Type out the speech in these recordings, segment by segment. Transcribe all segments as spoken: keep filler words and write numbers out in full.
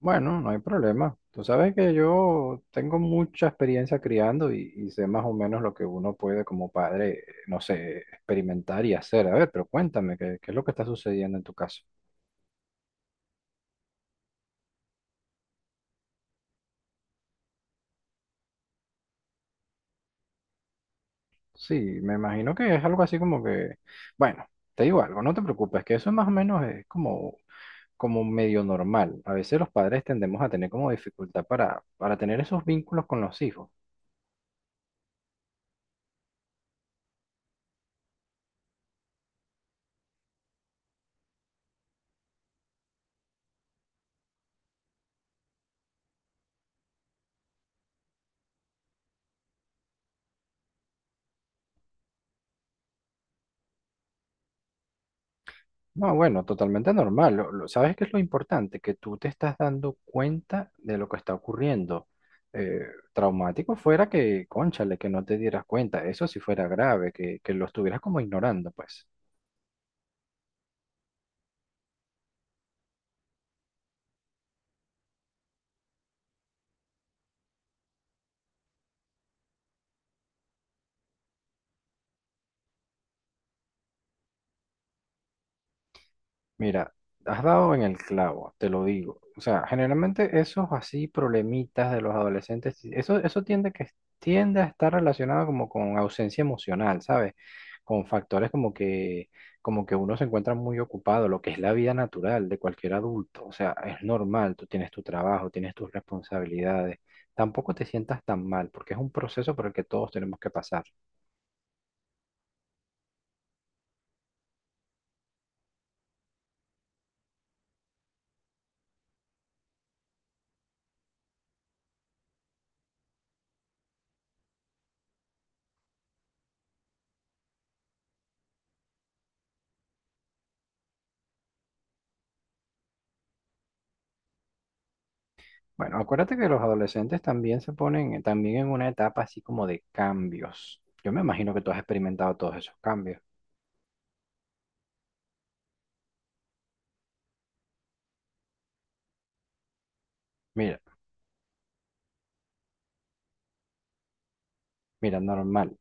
Bueno, no hay problema. Tú sabes que yo tengo mucha experiencia criando y, y sé más o menos lo que uno puede como padre, no sé, experimentar y hacer. A ver, pero cuéntame, ¿qué, qué es lo que está sucediendo en tu caso? Sí, me imagino que es algo así como que, bueno, te digo algo, no te preocupes, que eso más o menos es como, como medio normal. A veces los padres tendemos a tener como dificultad para, para tener esos vínculos con los hijos. No, bueno, totalmente normal. Lo- lo- ¿sabes qué es lo importante? Que tú te estás dando cuenta de lo que está ocurriendo. Eh, Traumático fuera que, cónchale, que no te dieras cuenta. Eso sí fuera grave, que, que lo estuvieras como ignorando, pues. Mira, has dado en el clavo, te lo digo. O sea, generalmente esos así problemitas de los adolescentes, eso, eso tiende que tiende a estar relacionado como con ausencia emocional, ¿sabes? Con factores como que, como que uno se encuentra muy ocupado, lo que es la vida natural de cualquier adulto. O sea, es normal, tú tienes tu trabajo, tienes tus responsabilidades. Tampoco te sientas tan mal, porque es un proceso por el que todos tenemos que pasar. Bueno, acuérdate que los adolescentes también se ponen eh, también en una etapa así como de cambios. Yo me imagino que tú has experimentado todos esos cambios. Mira, mira, normal.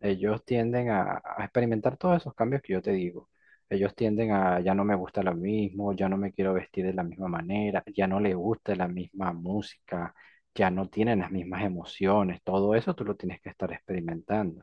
Ellos tienden a, a experimentar todos esos cambios que yo te digo. Ellos tienden a ya no me gusta lo mismo, ya no me quiero vestir de la misma manera, ya no les gusta la misma música, ya no tienen las mismas emociones. Todo eso tú lo tienes que estar experimentando.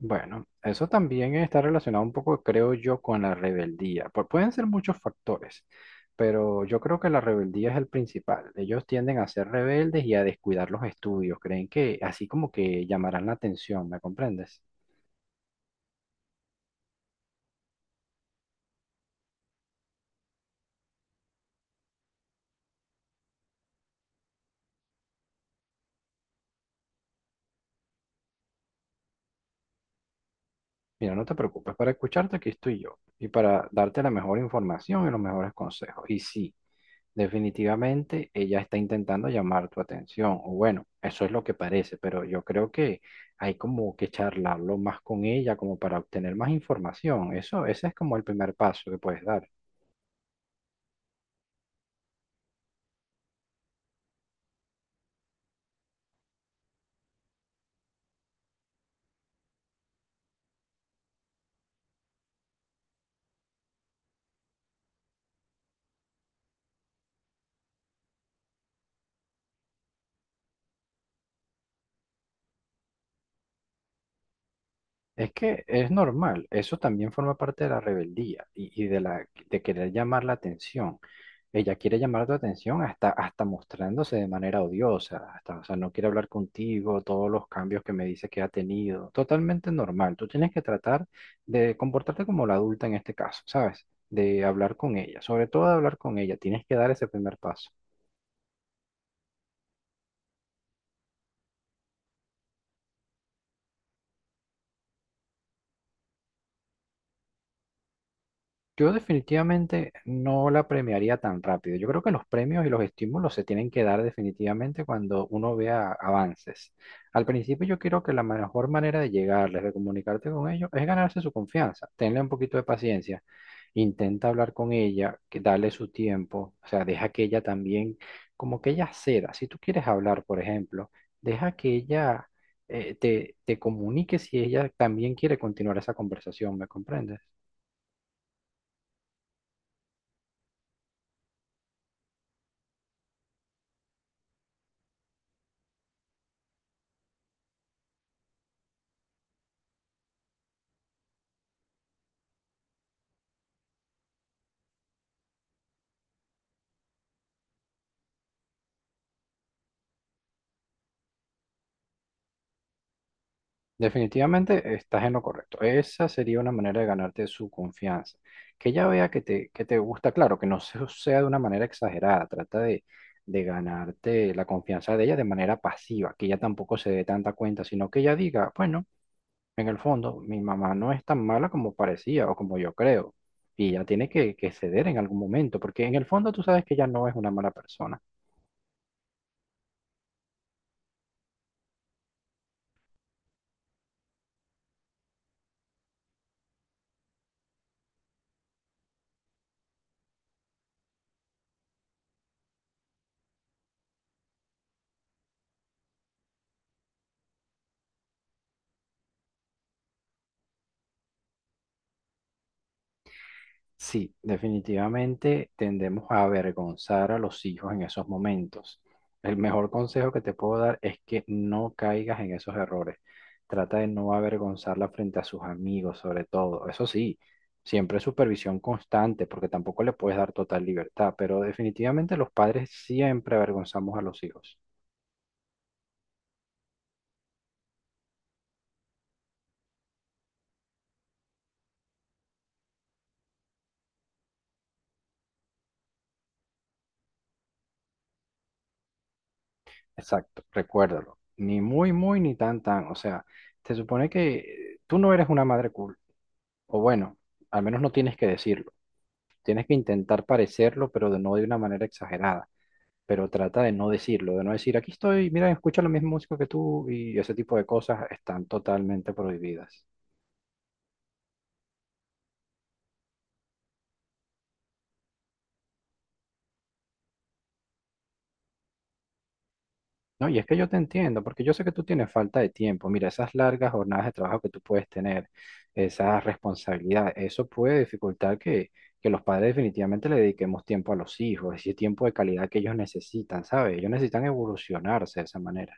Bueno, eso también está relacionado un poco, creo yo, con la rebeldía. Pu- pueden ser muchos factores, pero yo creo que la rebeldía es el principal. Ellos tienden a ser rebeldes y a descuidar los estudios. Creen que así como que llamarán la atención, ¿me comprendes? Mira, no te preocupes, para escucharte aquí estoy yo y para darte la mejor información y los mejores consejos. Y sí. Definitivamente ella está intentando llamar tu atención, o bueno, eso es lo que parece, pero yo creo que hay como que charlarlo más con ella como para obtener más información. Eso, ese es como el primer paso que puedes dar. Es que es normal, eso también forma parte de la rebeldía y, y de la de querer llamar la atención. Ella quiere llamar tu atención hasta, hasta, mostrándose de manera odiosa, hasta, o sea, no quiere hablar contigo, todos los cambios que me dice que ha tenido. Totalmente normal. Tú tienes que tratar de comportarte como la adulta en este caso, ¿sabes? De hablar con ella, sobre todo de hablar con ella, tienes que dar ese primer paso. Yo definitivamente no la premiaría tan rápido. Yo creo que los premios y los estímulos se tienen que dar definitivamente cuando uno vea avances. Al principio yo creo que la mejor manera de llegarles, de comunicarte con ellos, es ganarse su confianza. Tenle un poquito de paciencia. Intenta hablar con ella, que darle su tiempo. O sea, deja que ella también, como que ella ceda. Si tú quieres hablar, por ejemplo, deja que ella eh, te, te comunique si ella también quiere continuar esa conversación. ¿Me comprendes? Definitivamente estás en lo correcto. Esa sería una manera de ganarte su confianza. Que ella vea que te, que te, gusta, claro, que no se- sea de una manera exagerada. Trata de, de ganarte la confianza de ella de manera pasiva, que ella tampoco se dé tanta cuenta, sino que ella diga, bueno, en el fondo, mi mamá no es tan mala como parecía o como yo creo. Y ella tiene que, que ceder en algún momento, porque en el fondo tú sabes que ella no es una mala persona. Sí, definitivamente tendemos a avergonzar a los hijos en esos momentos. El mejor consejo que te puedo dar es que no caigas en esos errores. Trata de no avergonzarla frente a sus amigos, sobre todo. Eso sí, siempre supervisión constante, porque tampoco le puedes dar total libertad, pero definitivamente los padres siempre avergonzamos a los hijos. Exacto, recuérdalo. Ni muy, muy, ni tan, tan. O sea, se supone que eh, tú no eres una madre cool, o bueno, al menos no tienes que decirlo. Tienes que intentar parecerlo, pero de no de una manera exagerada. Pero trata de no decirlo, de no decir, aquí estoy, mira, escucha la misma música que tú y ese tipo de cosas están totalmente prohibidas. No, y es que yo te entiendo, porque yo sé que tú tienes falta de tiempo. Mira, esas largas jornadas de trabajo que tú puedes tener, esa responsabilidad, eso puede dificultar que, que, los padres definitivamente le dediquemos tiempo a los hijos, ese tiempo de calidad que ellos necesitan, ¿sabes? Ellos necesitan evolucionarse de esa manera.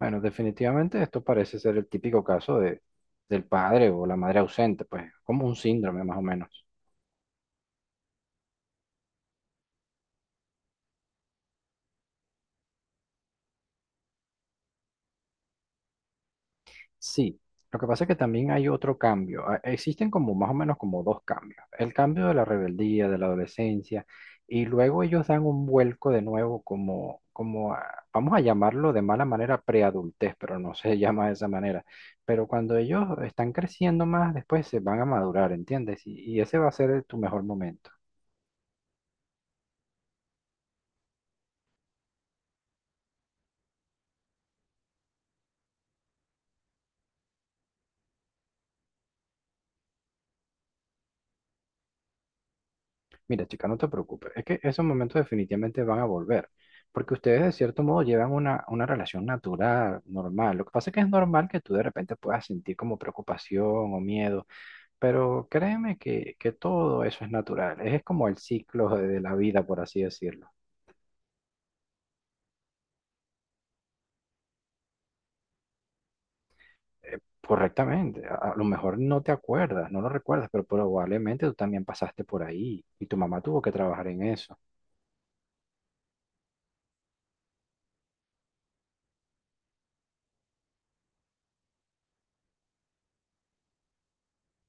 Bueno, definitivamente esto parece ser el típico caso de, del padre o la madre ausente, pues como un síndrome más o menos. Sí, lo que pasa es que también hay otro cambio. Ah, existen como más o menos como dos cambios. El cambio de la rebeldía, de la adolescencia, y luego ellos dan un vuelco de nuevo como, como a- vamos a llamarlo de mala manera preadultez, pero no se llama de esa manera. Pero cuando ellos están creciendo más, después se van a madurar, ¿entiendes? Y, y ese va a ser tu mejor momento. Mira, chica, no te preocupes, es que esos momentos definitivamente van a volver, porque ustedes de cierto modo llevan una, una relación natural, normal. Lo que pasa es que es normal que tú de repente puedas sentir como preocupación o miedo, pero créeme que, que todo eso es natural, es como el ciclo de de la vida, por así decirlo. Eh, Correctamente, a, a lo mejor no te acuerdas, no lo recuerdas, pero probablemente tú también pasaste por ahí y tu mamá tuvo que trabajar en eso.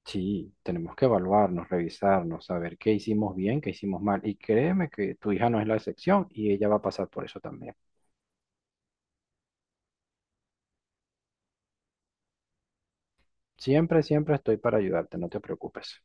Sí, tenemos que evaluarnos, revisarnos, saber qué hicimos bien, qué hicimos mal. Y créeme que tu hija no es la excepción y ella va a pasar por eso también. Siempre, siempre estoy para ayudarte, no te preocupes.